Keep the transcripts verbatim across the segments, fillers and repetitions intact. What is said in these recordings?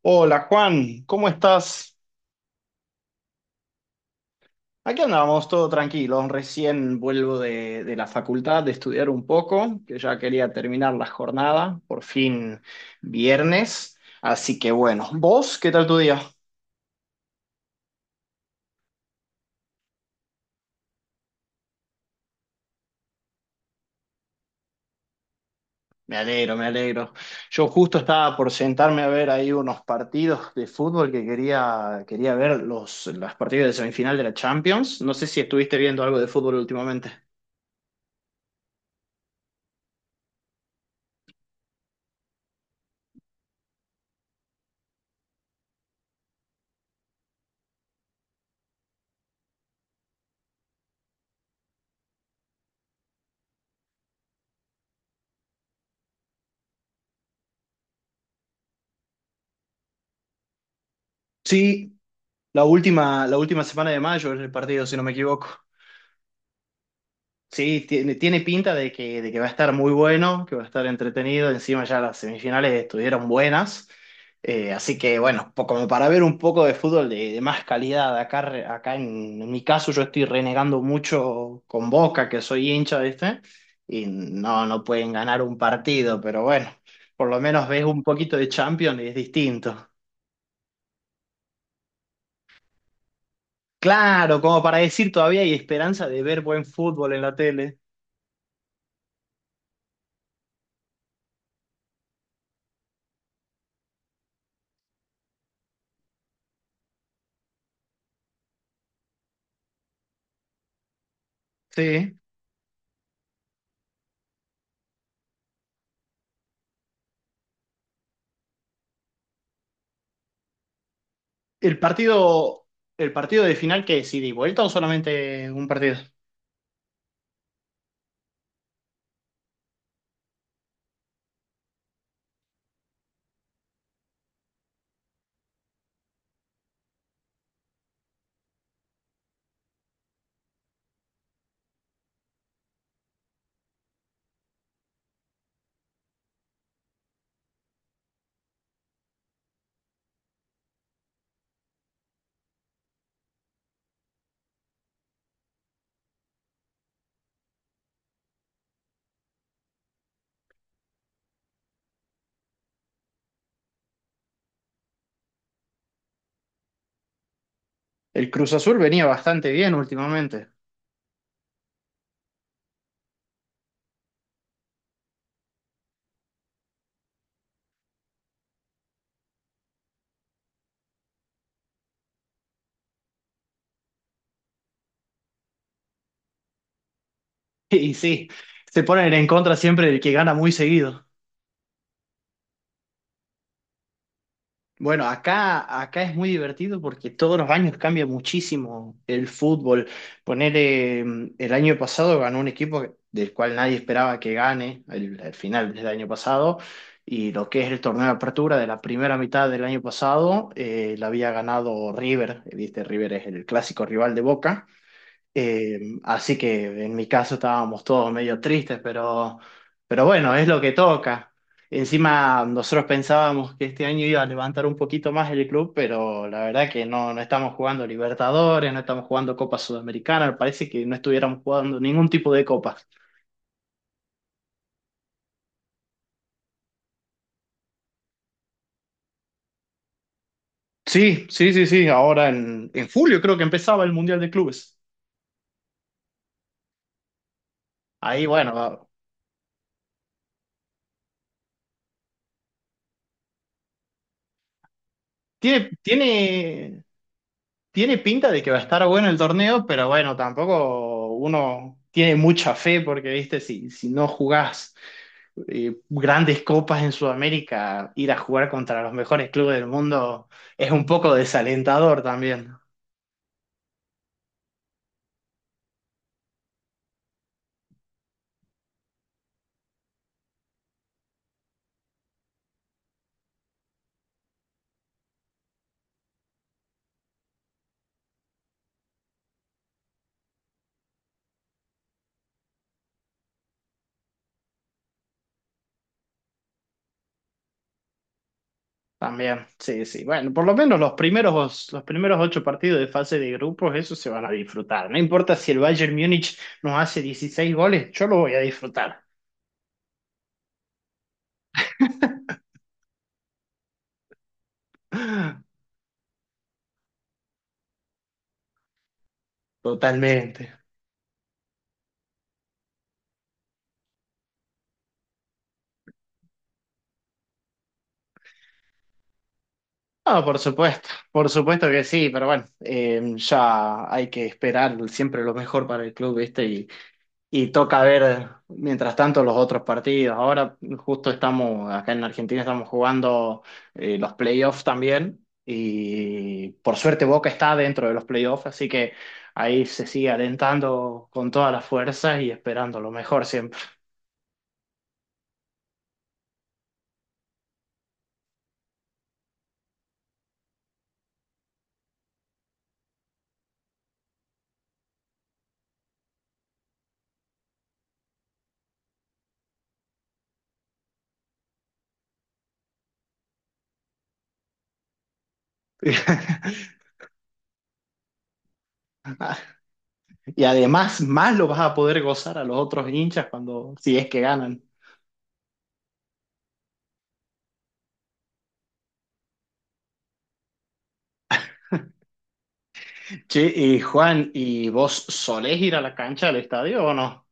Hola Juan, ¿cómo estás? Aquí andamos, todo tranquilo. Recién vuelvo de, de la facultad de estudiar un poco, que ya quería terminar la jornada, por fin viernes. Así que bueno, ¿vos qué tal tu día? Me alegro, me alegro. Yo justo estaba por sentarme a ver ahí unos partidos de fútbol que quería, quería ver los, las partidas de semifinal de la Champions. No sé si estuviste viendo algo de fútbol últimamente. Sí, la última, la última semana de mayo es el partido, si no me equivoco. Sí, tiene, tiene pinta de que, de que va a estar muy bueno, que va a estar entretenido. Encima ya las semifinales estuvieron buenas. Eh, así que bueno, po- como para ver un poco de fútbol de, de más calidad. Acá, re- acá en, en mi caso yo estoy renegando mucho con Boca, que soy hincha, ¿viste? Y no, no pueden ganar un partido, pero bueno, por lo menos ves un poquito de Champions y es distinto. Claro, como para decir todavía hay esperanza de ver buen fútbol en la tele. Sí. ¿El partido, el partido de final que es ida y vuelta o solamente un partido? El Cruz Azul venía bastante bien últimamente. Y sí, se ponen en contra siempre del que gana muy seguido. Bueno, acá, acá es muy divertido porque todos los años cambia muchísimo el fútbol. Poner el año pasado ganó un equipo del cual nadie esperaba que gane el, el final del año pasado y lo que es el torneo de apertura de la primera mitad del año pasado eh, la había ganado River, viste, River es el clásico rival de Boca. Eh, así que en mi caso estábamos todos medio tristes, pero, pero bueno, es lo que toca. Encima nosotros pensábamos que este año iba a levantar un poquito más el club, pero la verdad que no, no estamos jugando Libertadores, no estamos jugando Copa Sudamericana, parece que no estuviéramos jugando ningún tipo de copas. Sí, sí, sí, sí, ahora en, en julio creo que empezaba el Mundial de Clubes. Ahí, bueno, tiene, tiene, Tiene pinta de que va a estar bueno el torneo, pero bueno, tampoco uno tiene mucha fe porque, viste, si, si no jugás eh, grandes copas en Sudamérica, ir a jugar contra los mejores clubes del mundo es un poco desalentador también. También, sí, sí. Bueno, por lo menos los primeros, los primeros ocho partidos de fase de grupos, eso se van a disfrutar. No importa si el Bayern Múnich nos hace dieciséis goles, yo lo voy a disfrutar. Totalmente. No, por supuesto, por supuesto que sí, pero bueno, eh, ya hay que esperar siempre lo mejor para el club, ¿viste? Y, y toca ver mientras tanto los otros partidos. Ahora justo estamos, acá en Argentina estamos jugando eh, los playoffs también y por suerte Boca está dentro de los playoffs, así que ahí se sigue alentando con todas las fuerzas y esperando lo mejor siempre. Y además, más lo vas a poder gozar a los otros hinchas cuando, si es que ganan. Sí, y Juan, ¿y vos solés ir a la cancha del estadio o no?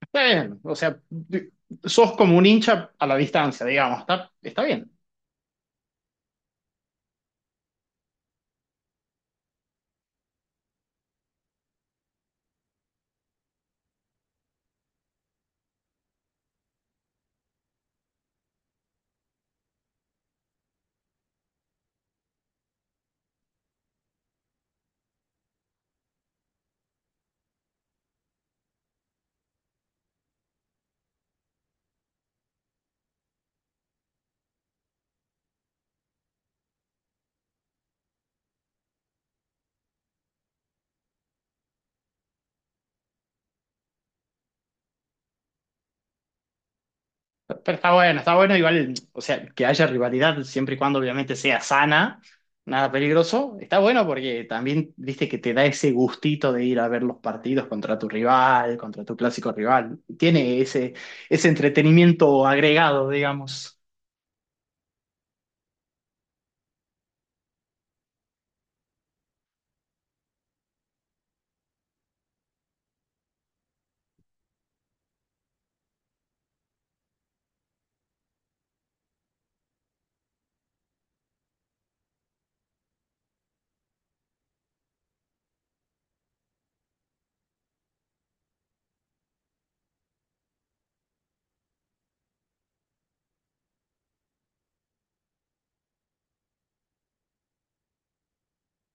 Está bien, o sea, di- sos como un hincha a la distancia, digamos, está, está bien, pero está bueno, está bueno igual, o sea, que haya rivalidad siempre y cuando obviamente sea sana, nada peligroso, está bueno porque también, viste, que te da ese gustito de ir a ver los partidos contra tu rival, contra tu clásico rival, tiene ese, ese entretenimiento agregado, digamos,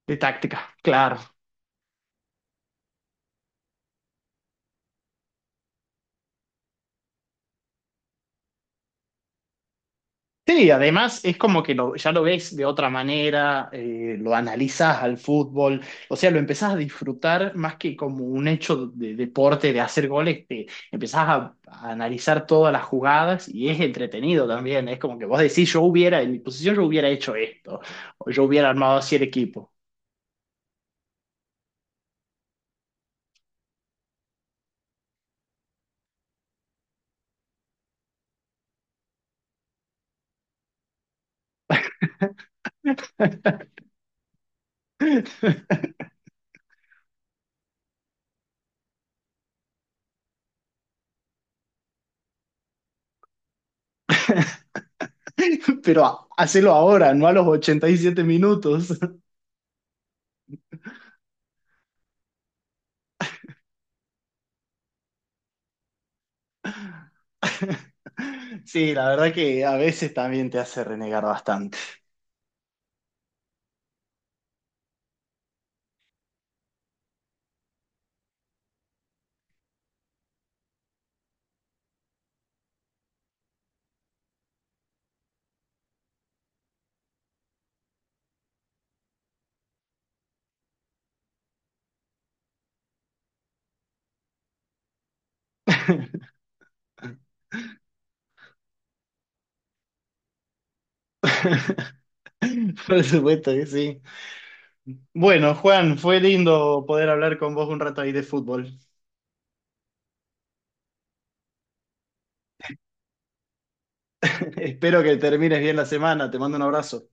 de táctica, claro. Sí, además es como que lo- ya lo ves de otra manera, eh, lo analizas al fútbol, o sea, lo empezás a disfrutar más que como un hecho de deporte, de hacer goles, te empezás a, a analizar todas las jugadas y es entretenido también, es como que vos decís, yo hubiera, en mi posición yo hubiera hecho esto, o yo hubiera armado así el equipo, pero ha- hacelo ahora, no a los ochenta y siete minutos. Sí, la verdad que a veces también te hace renegar bastante. Por supuesto que sí. Bueno, Juan, fue lindo poder hablar con vos un rato ahí de fútbol. Espero que termines bien la semana. Te mando un abrazo.